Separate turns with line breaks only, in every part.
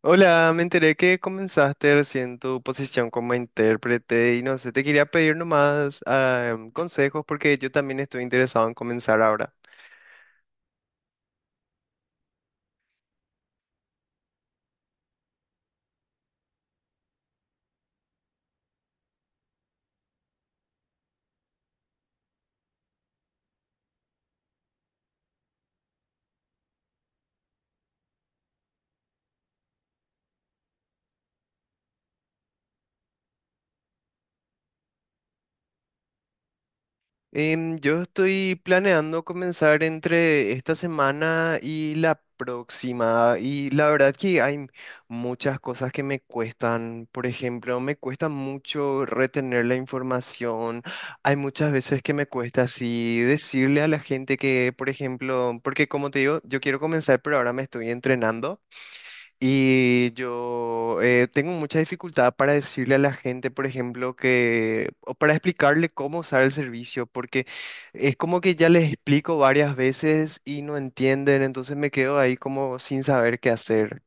Hola, me enteré que comenzaste recién tu posición como intérprete y no sé, te quería pedir nomás consejos porque yo también estoy interesado en comenzar ahora. Yo estoy planeando comenzar entre esta semana y la próxima y la verdad que hay muchas cosas que me cuestan. Por ejemplo, me cuesta mucho retener la información. Hay muchas veces que me cuesta así decirle a la gente que, por ejemplo, porque como te digo, yo quiero comenzar, pero ahora me estoy entrenando. Y yo tengo mucha dificultad para decirle a la gente, por ejemplo, que, o para explicarle cómo usar el servicio, porque es como que ya les explico varias veces y no entienden, entonces me quedo ahí como sin saber qué hacer.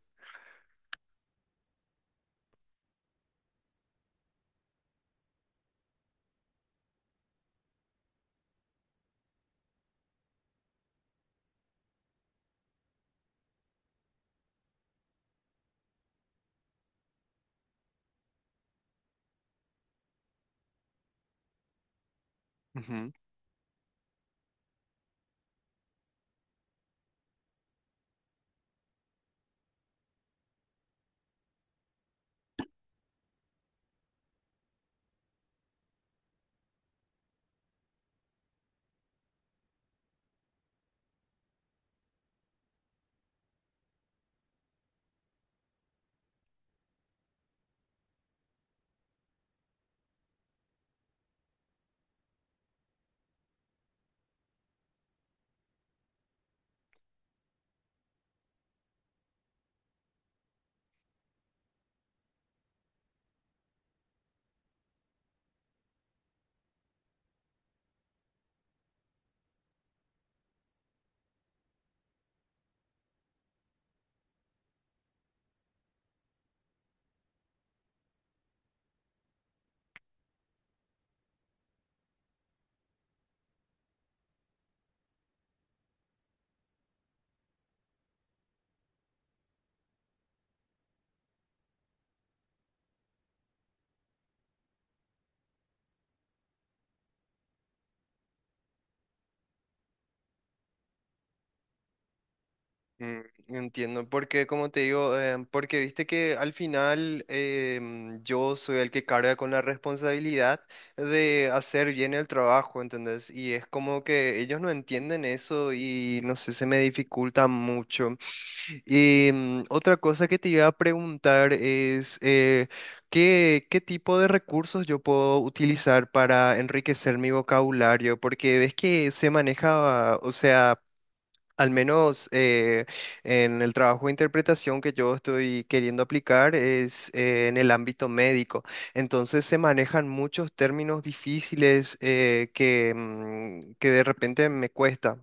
Mm, entiendo, porque como te digo, porque viste que al final yo soy el que carga con la responsabilidad de hacer bien el trabajo, ¿entendés? Y es como que ellos no entienden eso y no sé, se me dificulta mucho. Y otra cosa que te iba a preguntar es ¿qué, qué tipo de recursos yo puedo utilizar para enriquecer mi vocabulario? Porque ves que se maneja, o sea... Al menos en el trabajo de interpretación que yo estoy queriendo aplicar es en el ámbito médico. Entonces se manejan muchos términos difíciles que, que de repente me cuesta.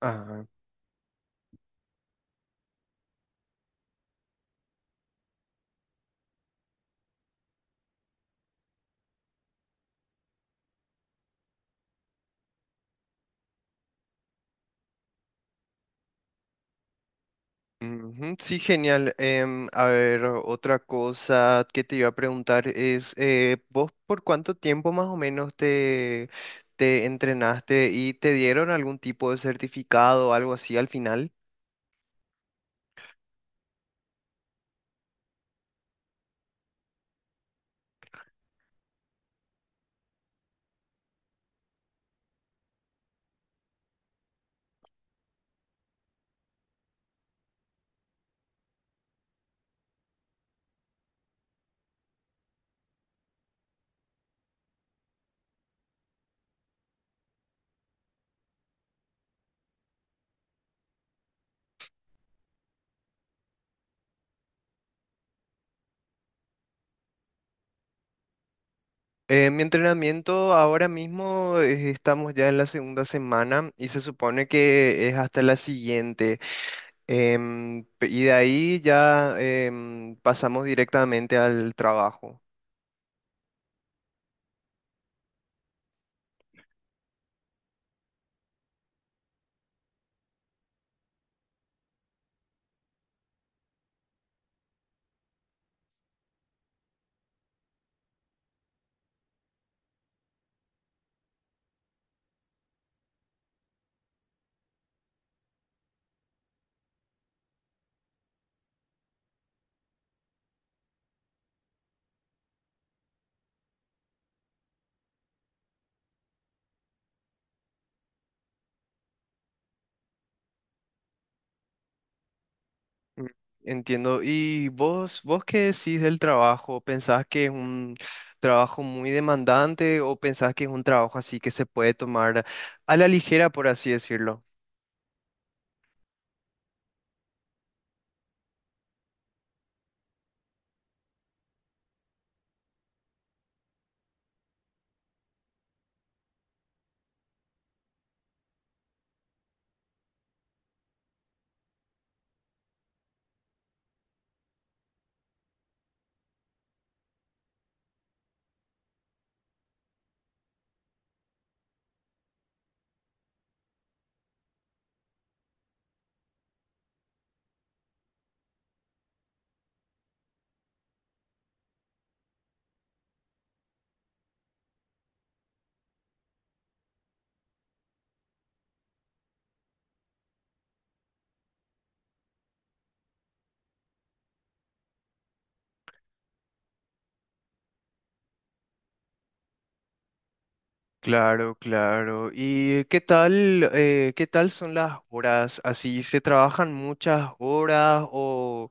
Ajá. Ujú, sí, genial. A ver, otra cosa que te iba a preguntar es, ¿vos por cuánto tiempo más o menos te, te entrenaste y te dieron algún tipo de certificado o algo así al final? Mi entrenamiento ahora mismo estamos ya en la segunda semana y se supone que es hasta la siguiente. Y de ahí ya pasamos directamente al trabajo. Mm. Entiendo. ¿Y vos, vos qué decís del trabajo? ¿Pensás que es un trabajo muy demandante o pensás que es un trabajo así que se puede tomar a la ligera, por así decirlo? Claro, claro. ¿Y qué tal son las horas? ¿Así se trabajan muchas horas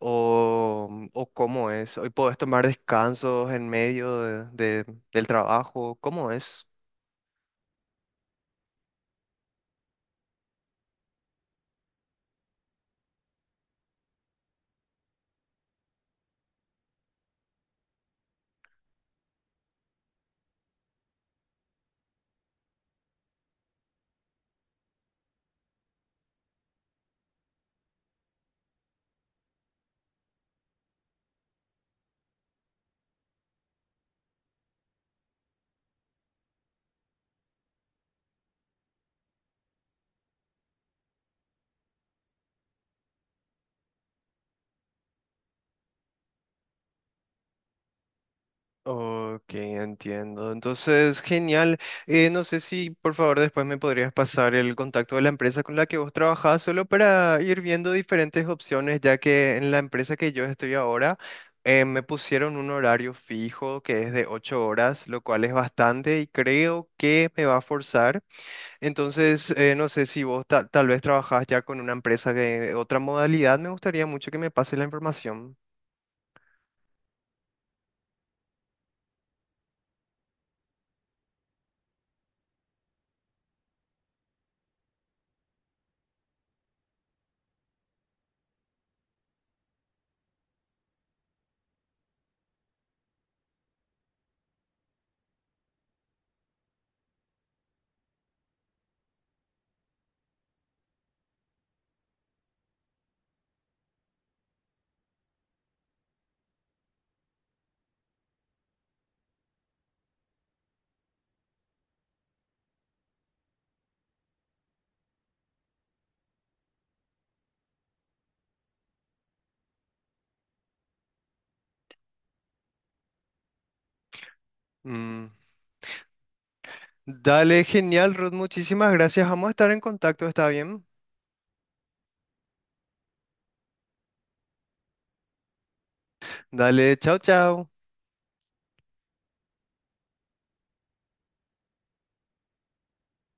o, o cómo es? ¿Hoy puedes tomar descansos en medio del trabajo? ¿Cómo es? Ok, entiendo. Entonces, genial. No sé si por favor después me podrías pasar el contacto de la empresa con la que vos trabajás, solo para ir viendo diferentes opciones, ya que en la empresa que yo estoy ahora me pusieron un horario fijo que es de 8 horas, lo cual es bastante y creo que me va a forzar. Entonces, no sé si vos tal vez trabajás ya con una empresa de otra modalidad, me gustaría mucho que me pase la información. Dale, genial, Ruth. Muchísimas gracias. Vamos a estar en contacto, ¿está bien? Dale, chao, chao.